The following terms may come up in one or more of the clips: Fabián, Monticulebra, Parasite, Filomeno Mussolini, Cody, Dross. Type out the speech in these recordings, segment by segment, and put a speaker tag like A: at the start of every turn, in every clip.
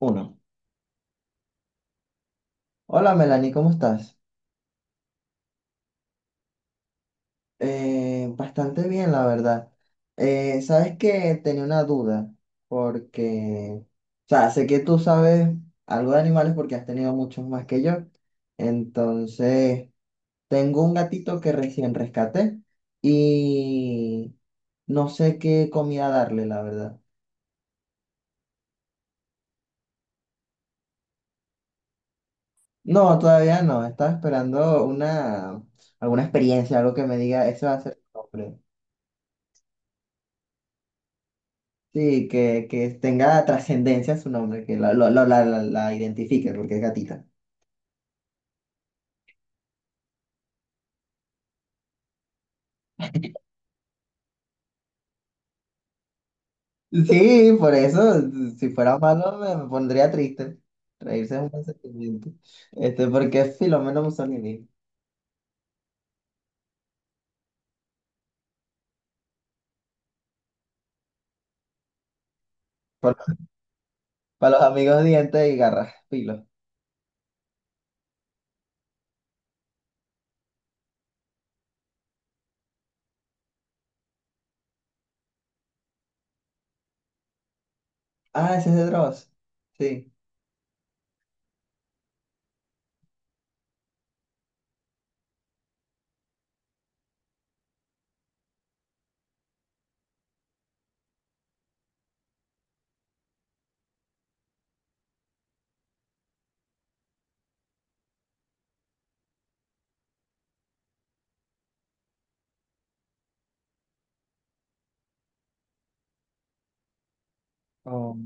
A: Uno. Hola Melanie, ¿cómo estás? Bastante bien, la verdad. Sabes que tenía una duda, porque, o sea, sé que tú sabes algo de animales porque has tenido muchos más que yo. Entonces, tengo un gatito que recién rescaté y no sé qué comida darle, la verdad. No, todavía no, estaba esperando alguna experiencia, algo que me diga, ese va a ser tu nombre. Sí, que tenga trascendencia su nombre, que la, lo- la identifique, porque es gatita. Sí, por eso, si fuera malo, me pondría triste. Reírse es un buen sentimiento. Porque es Filomeno Mussolini. Por- para los amigos dientes y garras, filo. Ah, ese es de Dross. Sí. Oh,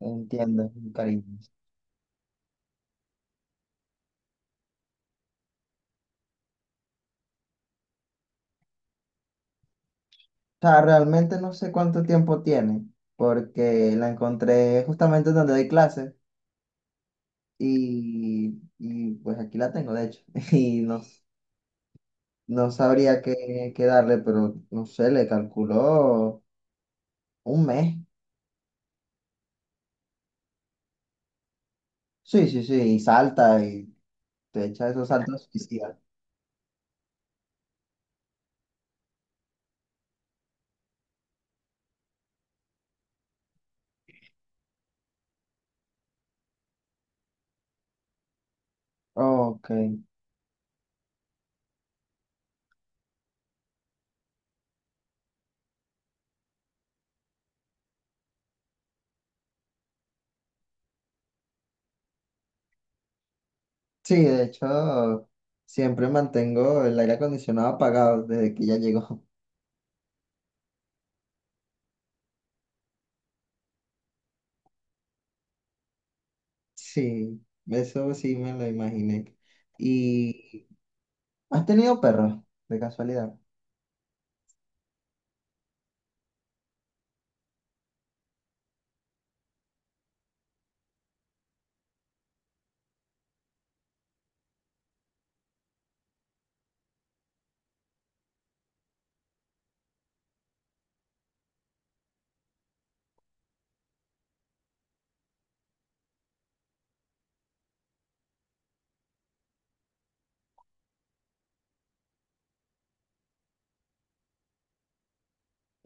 A: entiendo, cariño. O sea, realmente no sé cuánto tiempo tiene, porque la encontré justamente donde doy clases y pues aquí la tengo, de hecho. Y no No sabría qué darle, pero no sé, le calculó un mes. Sí, sí, sí, y salta y te echa esos saltos suicidas. Ok. Sí, de hecho, siempre mantengo el aire acondicionado apagado desde que ya llegó. Sí, eso sí me lo imaginé. ¿Y has tenido perros, de casualidad?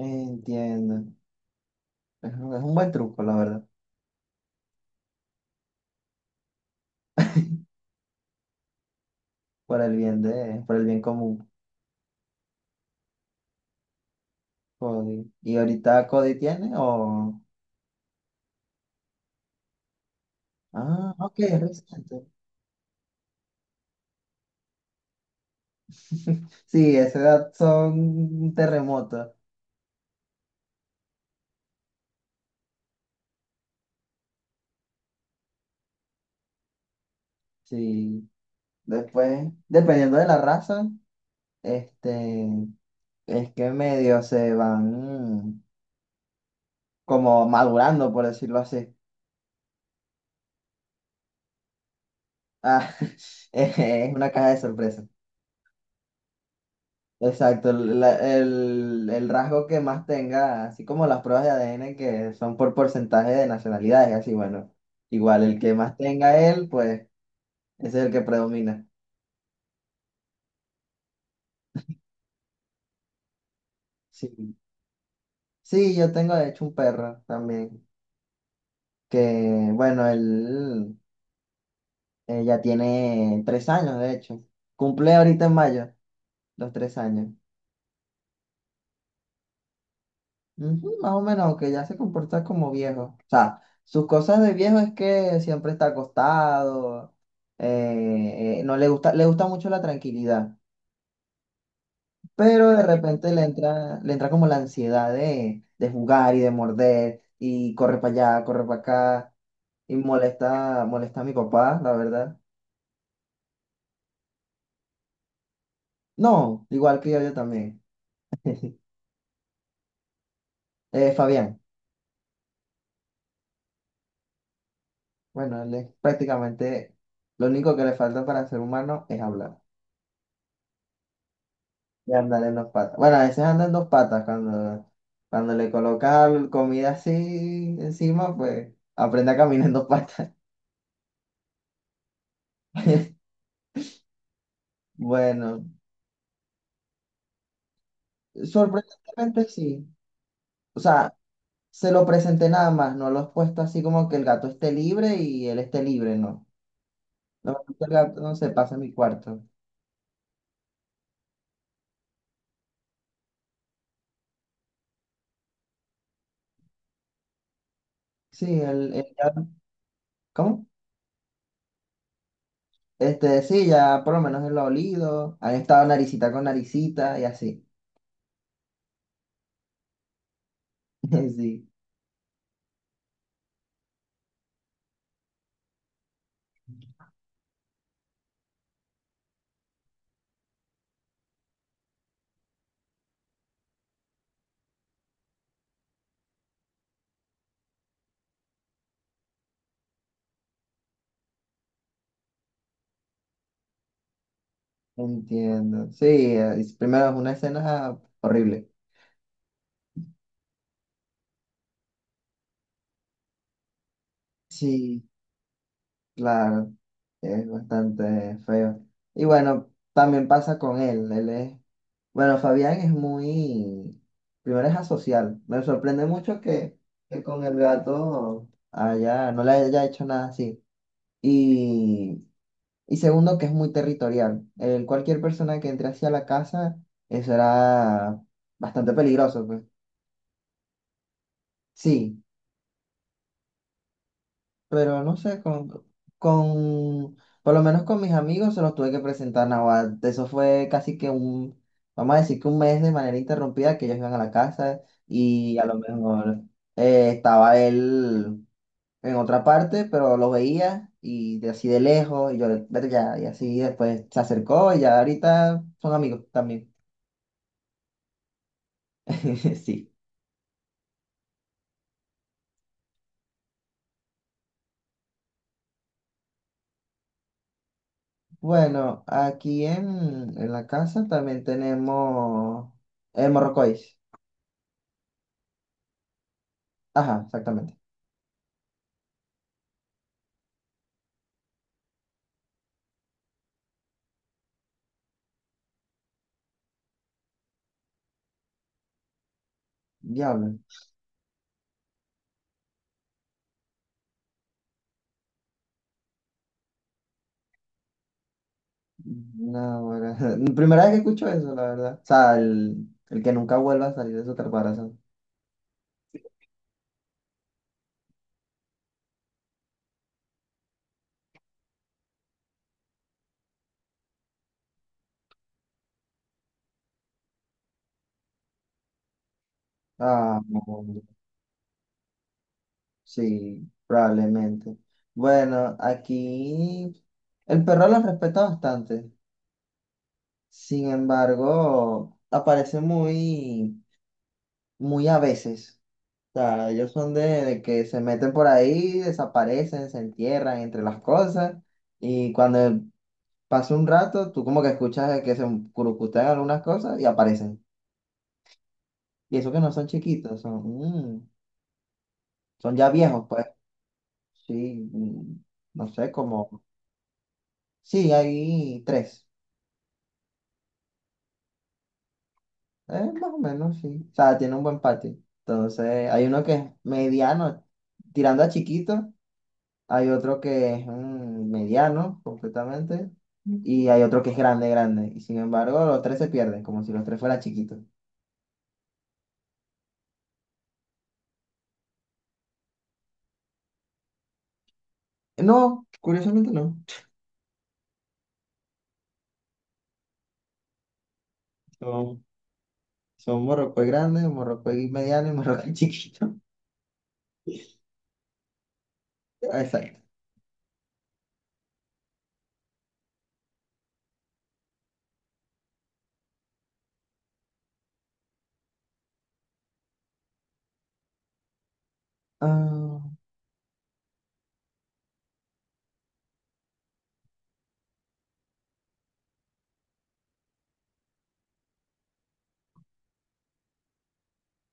A: Entiendo. Es un buen truco, la verdad, por el bien de, por el bien común. Cody. ¿Y ahorita Cody tiene o...? Ah, ok, reciente. Sí, a esa edad son terremotos. Sí. Después, dependiendo de la raza, este, es que medio se van mm, como madurando, por decirlo así. Ah, es una caja de sorpresa. Exacto, el rasgo que más tenga, así como las pruebas de ADN que son por porcentaje de nacionalidades, así bueno, igual el que más tenga él, pues ese es el que predomina. Sí. Sí, yo tengo de hecho un perro también, que bueno, él ya tiene tres años, de hecho. Cumple ahorita en mayo los tres años. Ujú, más o menos, aunque ya se comporta como viejo. O sea, sus cosas de viejo es que siempre está acostado, no le gusta, le gusta mucho la tranquilidad, pero de repente le entra como la ansiedad de jugar y de morder y corre para allá, corre para acá y molesta, molesta a mi papá, la verdad. No, igual que yo también. Fabián, bueno, él es prácticamente lo único que le falta para ser humano es hablar y andar en dos patas. Bueno, a veces anda en dos patas cuando le colocas comida así encima, pues aprende a caminar en dos patas. Bueno, sorprendentemente sí. O sea, se lo presenté nada más, no lo he puesto así como que el gato esté libre y él esté libre, no. No, el gato no se pasa en mi cuarto. Sí, el gato. ¿Cómo? Sí, ya por lo menos él lo ha olido, han estado naricita con naricita y así. Sí, entiendo. Sí, primero es una escena horrible. Sí, claro, es bastante feo. Y bueno, también pasa con él, él es, bueno, Fabián es muy, primero es asocial. Me sorprende mucho que con el gato no le haya hecho nada así. Y Y segundo, que es muy territorial. Cualquier persona que entre hacia la casa, eso era bastante peligroso, pues. Sí, pero no sé, con, por lo menos con mis amigos se los tuve que presentar nada. Eso fue casi que vamos a decir que un mes de manera interrumpida que ellos iban a la casa y a lo mejor estaba él en otra parte, pero lo veía y de así de lejos y yo, "Vete ya, y así después se acercó y ya ahorita son amigos también. Sí. Bueno, aquí en la casa también tenemos el morrocois. Ajá, exactamente. Diablo. No, ahora- primera vez que escucho eso, la verdad. O sea, el que nunca vuelva a salir de su caparazón. Ah, no, sí, probablemente. Bueno, aquí el perro lo respeta bastante. Sin embargo, aparece muy, muy a veces. O sea, ellos son de que se meten por ahí, desaparecen, se entierran entre las cosas y cuando pasa un rato, tú como que escuchas de que se curucutean algunas cosas y aparecen. Y eso que no son chiquitos, mm, son ya viejos, pues. Sí, no sé, como... Sí, hay tres. Más o menos, sí. O sea, tiene un buen patio. Entonces, hay uno que es mediano, tirando a chiquito. Hay otro que es mediano completamente. Y hay otro que es grande, grande. Y sin embargo, los tres se pierden, como si los tres fueran chiquitos. No, curiosamente no. Son, son morrocoy grande, morrocoy mediano y morrocoy chiquito. Exacto. Ah,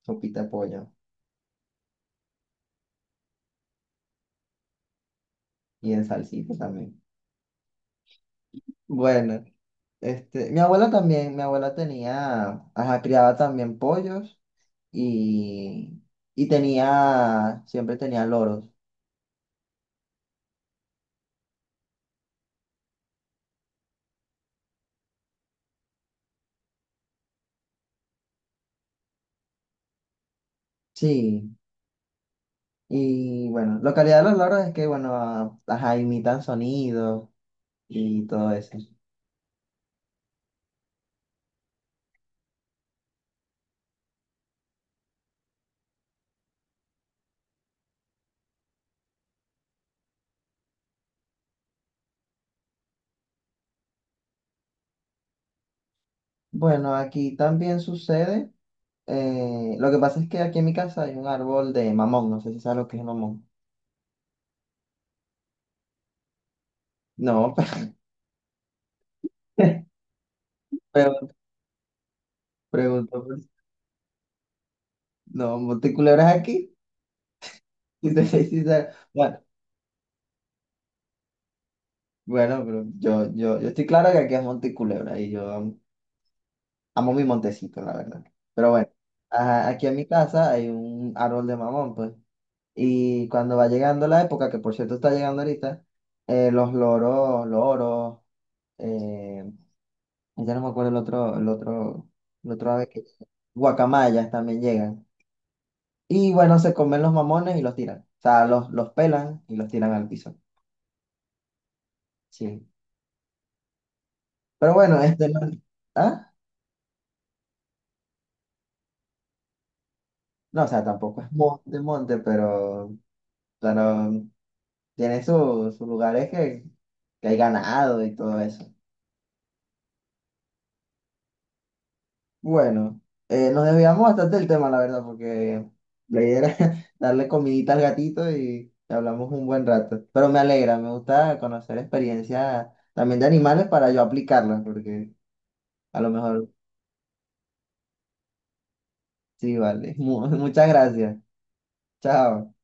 A: sopita de pollo. Y en salsita también. Bueno, mi abuela también, mi abuela tenía, ajá, criaba también pollos y, y siempre tenía loros. Sí, y bueno, la calidad de los logros es que, bueno, las imitan sonidos y todo eso. Bueno, aquí también sucede. Lo que pasa es que aquí en mi casa hay un árbol de mamón. No sé si sabes lo que es el mamón. No, pero pregunto, pues, no, ¿Monticulebra es aquí? Y te soy sincero, bueno, bueno, pero yo estoy claro que aquí es Monticulebra y yo amo mi montecito, la verdad. Pero bueno, ajá, aquí en mi casa hay un árbol de mamón, pues. Y cuando va llegando la época, que por cierto está llegando ahorita, los loros, eh, ya no me acuerdo el otro, el otro ave que guacamayas también llegan. Y bueno, se comen los mamones y los tiran. O sea, los pelan y los tiran al piso. Sí. Pero bueno, este no. ¿Ah? No, o sea, tampoco es monte, monte, pero tiene sus lugares que hay ganado y todo eso. Bueno, nos desviamos bastante del tema, la verdad, porque la idea era darle comidita al gatito y hablamos un buen rato. Pero me alegra, me gusta conocer experiencias también de animales para yo aplicarlas, porque a lo mejor sí, vale. Muchas gracias. Chao.